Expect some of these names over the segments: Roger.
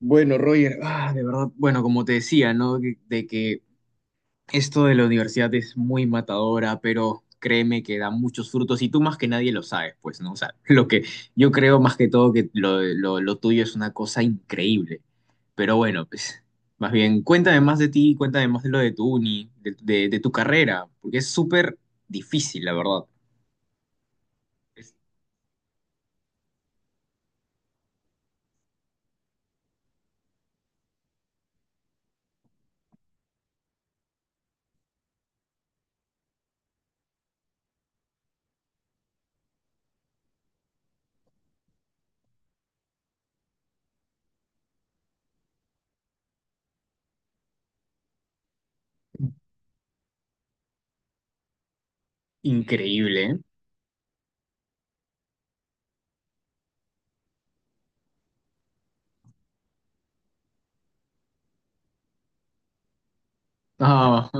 Bueno, Roger, de verdad, bueno, como te decía, ¿no? De que esto de la universidad es muy matadora, pero créeme que da muchos frutos y tú más que nadie lo sabes, pues, ¿no? O sea, lo que yo creo más que todo que lo tuyo es una cosa increíble, pero bueno, pues, más bien, cuéntame más de ti, cuéntame más de lo de tu uni, de tu carrera, porque es súper difícil, la verdad. Es increíble, ¿eh? Ah,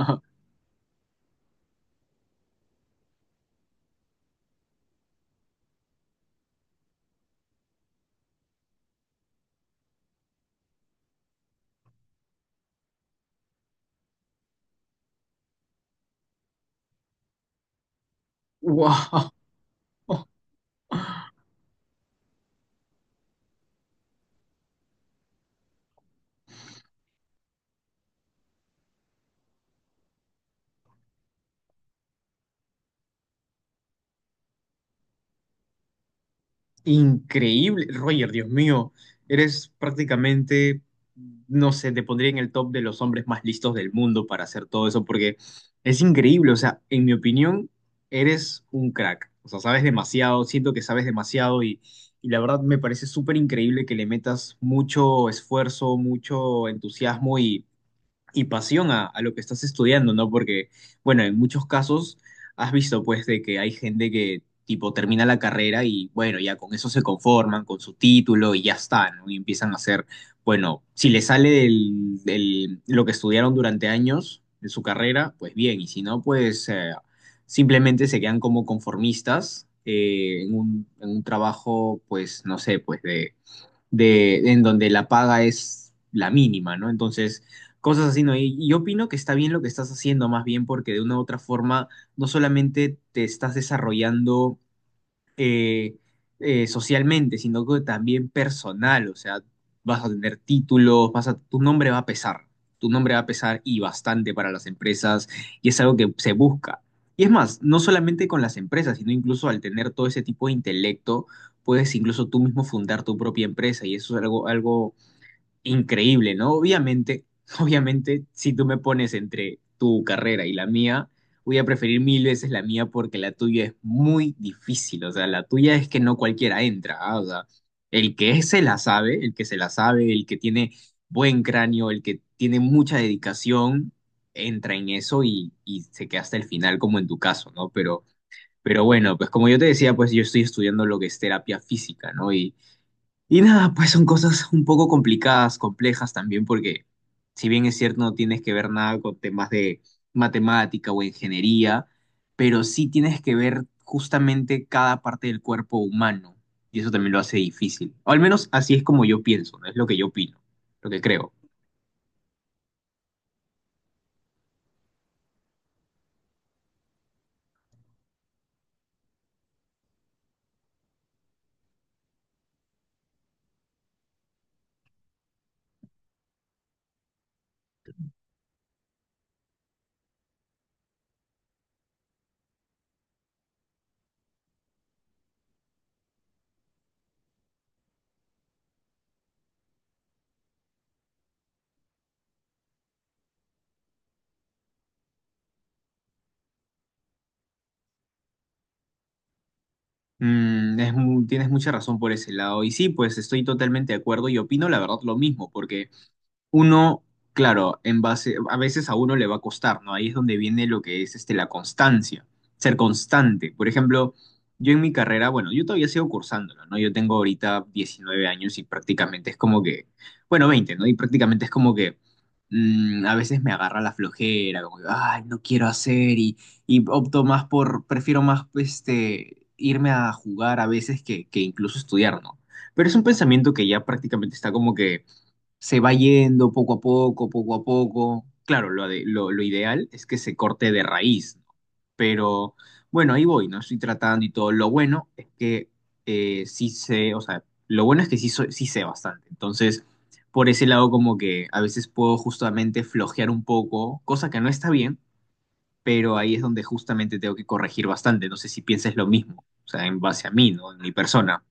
wow. Increíble, Roger, Dios mío, eres prácticamente, no sé, te pondría en el top de los hombres más listos del mundo para hacer todo eso, porque es increíble, o sea, en mi opinión, eres un crack, o sea, sabes demasiado, siento que sabes demasiado y la verdad me parece súper increíble que le metas mucho esfuerzo, mucho entusiasmo y pasión a lo que estás estudiando, ¿no? Porque, bueno, en muchos casos has visto, pues, de que hay gente que, tipo, termina la carrera y, bueno, ya con eso se conforman, con su título y ya está, ¿no? Y empiezan a hacer, bueno, si les sale lo que estudiaron durante años de su carrera, pues bien, y si no, pues simplemente se quedan como conformistas en un trabajo, pues, no sé, pues en donde la paga es la mínima, ¿no? Entonces, cosas así, ¿no? Y yo opino que está bien lo que estás haciendo, más bien porque de una u otra forma no solamente te estás desarrollando eh, socialmente, sino que también personal. O sea, vas a tener títulos, tu nombre va a pesar. Tu nombre va a pesar y bastante para las empresas y es algo que se busca. Y es más, no solamente con las empresas, sino incluso al tener todo ese tipo de intelecto, puedes incluso tú mismo fundar tu propia empresa y eso es algo, algo increíble, ¿no? Obviamente, obviamente, si tú me pones entre tu carrera y la mía, voy a preferir mil veces la mía porque la tuya es muy difícil, o sea, la tuya es que no cualquiera entra, ¿ah? O sea, el que se la sabe, el que se la sabe, el que tiene buen cráneo, el que tiene mucha dedicación, entra en eso y se queda hasta el final, como en tu caso, ¿no? Pero bueno, pues como yo te decía, pues yo estoy estudiando lo que es terapia física, ¿no? Y nada, pues son cosas un poco complicadas, complejas también, porque si bien es cierto no tienes que ver nada con temas de matemática o ingeniería, pero sí tienes que ver justamente cada parte del cuerpo humano, y eso también lo hace difícil. O al menos así es como yo pienso, ¿no? Es lo que yo opino, lo que creo. Tienes mucha razón por ese lado, y sí, pues estoy totalmente de acuerdo y opino la verdad lo mismo, porque uno, claro, en base, a veces a uno le va a costar, ¿no? Ahí es donde viene lo que es este, la constancia, ser constante. Por ejemplo, yo en mi carrera, bueno, yo todavía sigo cursándolo, ¿no? Yo tengo ahorita 19 años y prácticamente es como que, bueno, 20, ¿no? Y prácticamente es como que a veces me agarra la flojera, como que, ay, no quiero hacer y opto más por, prefiero más, este, irme a jugar a veces que incluso estudiar, ¿no? Pero es un pensamiento que ya prácticamente está como que se va yendo poco a poco, poco a poco. Claro, lo ideal es que se corte de raíz, ¿no? Pero bueno, ahí voy, ¿no? Estoy tratando y todo. Lo bueno es que sí sé, o sea, lo bueno es que sí, sí sé bastante. Entonces, por ese lado como que a veces puedo justamente flojear un poco, cosa que no está bien, pero ahí es donde justamente tengo que corregir bastante. No sé si piensas lo mismo, o sea, en base a mí, ¿no? En mi persona.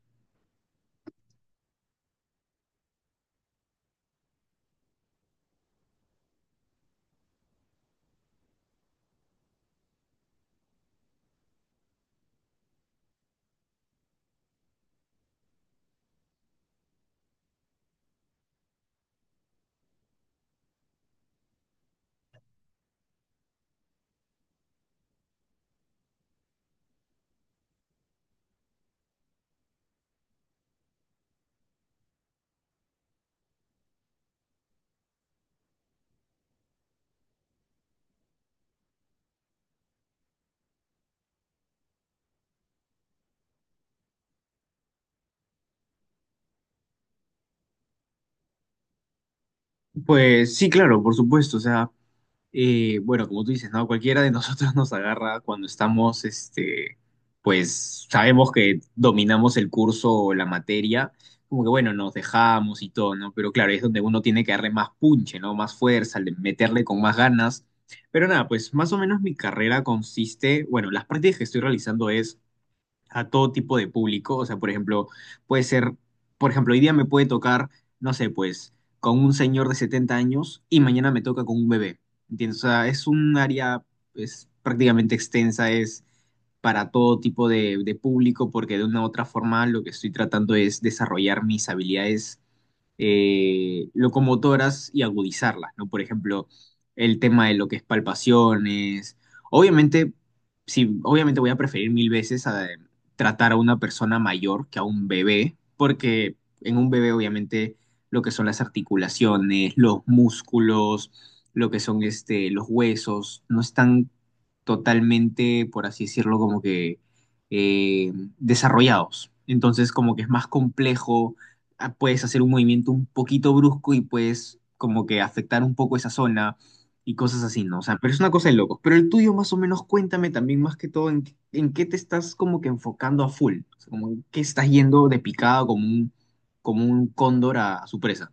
Pues sí, claro, por supuesto. O sea, bueno, como tú dices, ¿no? Cualquiera de nosotros nos agarra cuando estamos, este, pues sabemos que dominamos el curso o la materia, como que bueno, nos dejamos y todo, ¿no? Pero claro, es donde uno tiene que darle más punche, ¿no? Más fuerza, meterle con más ganas. Pero nada, pues más o menos mi carrera consiste, bueno, las prácticas que estoy realizando es a todo tipo de público. O sea, por ejemplo, puede ser, por ejemplo, hoy día me puede tocar, no sé, pues, con un señor de 70 años y mañana me toca con un bebé. ¿Entiendes? O sea, es un área, es prácticamente extensa, es para todo tipo de público, porque de una u otra forma lo que estoy tratando es desarrollar mis habilidades locomotoras y agudizarlas, ¿no? Por ejemplo, el tema de lo que es palpaciones. Obviamente, sí, obviamente voy a preferir mil veces a tratar a una persona mayor que a un bebé, porque en un bebé obviamente lo que son las articulaciones, los músculos, lo que son este, los huesos, no están totalmente, por así decirlo, como que eh, desarrollados. Entonces, como que es más complejo, puedes hacer un movimiento un poquito brusco y puedes como que afectar un poco esa zona y cosas así, ¿no? O sea, pero es una cosa de locos. Pero el tuyo más o menos cuéntame también más que todo en, en qué te estás como que enfocando a full, o sea, como en qué estás yendo de picada como un cóndor a su presa.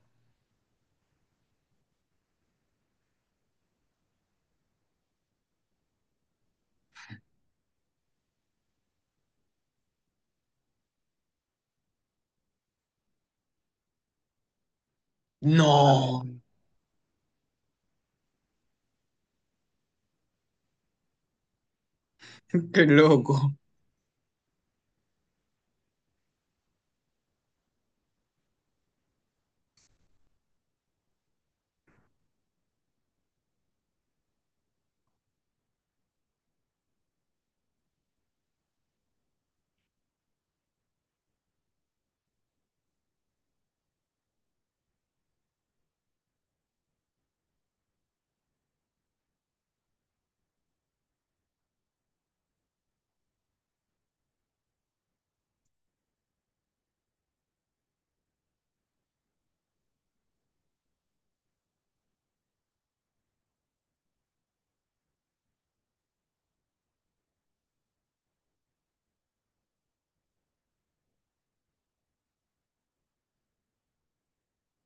No, qué loco.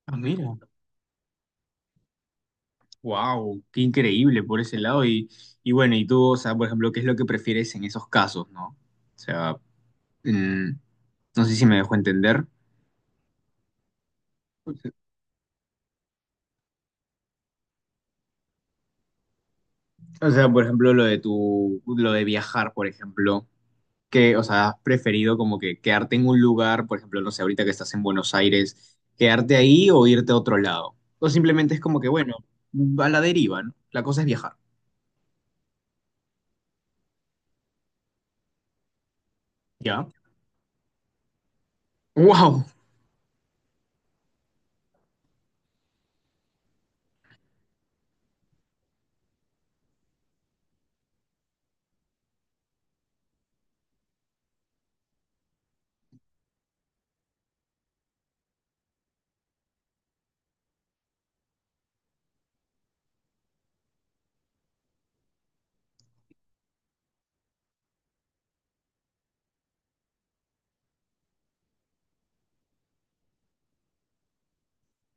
Ah, mira. Wow, qué increíble por ese lado. Y bueno, y tú, o sea, por ejemplo, ¿qué es lo que prefieres en esos casos, no? O sea, mm, no sé si me dejo entender. O sea, por ejemplo, lo de tu, lo de viajar, por ejemplo, que, o sea, has preferido como que quedarte en un lugar, por ejemplo, no sé, ahorita que estás en Buenos Aires, quedarte ahí o irte a otro lado. O simplemente es como que, bueno, a la deriva, ¿no? La cosa es viajar, ¿ya? ¡Wow!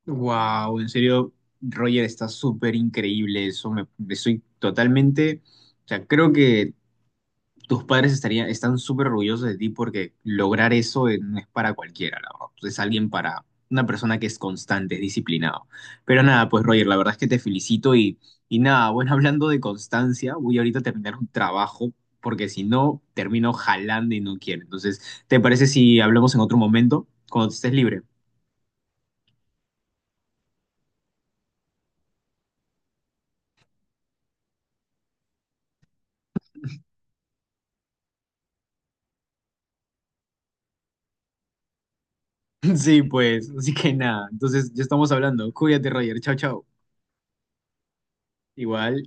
¡Wow! En serio, Roger, está súper increíble eso. Me soy totalmente, o sea, creo que tus padres estarían, están súper orgullosos de ti porque lograr eso, no es para cualquiera, la verdad. Es alguien para una persona que es constante, es disciplinado. Pero nada, pues Roger, la verdad es que te felicito y nada, bueno, hablando de constancia, voy ahorita a terminar un trabajo porque si no, termino jalando y no quiero. Entonces, ¿te parece si hablamos en otro momento, cuando estés libre? Sí, pues, así que nada, entonces ya estamos hablando. Cuídate, Roger, chao, chao. Igual.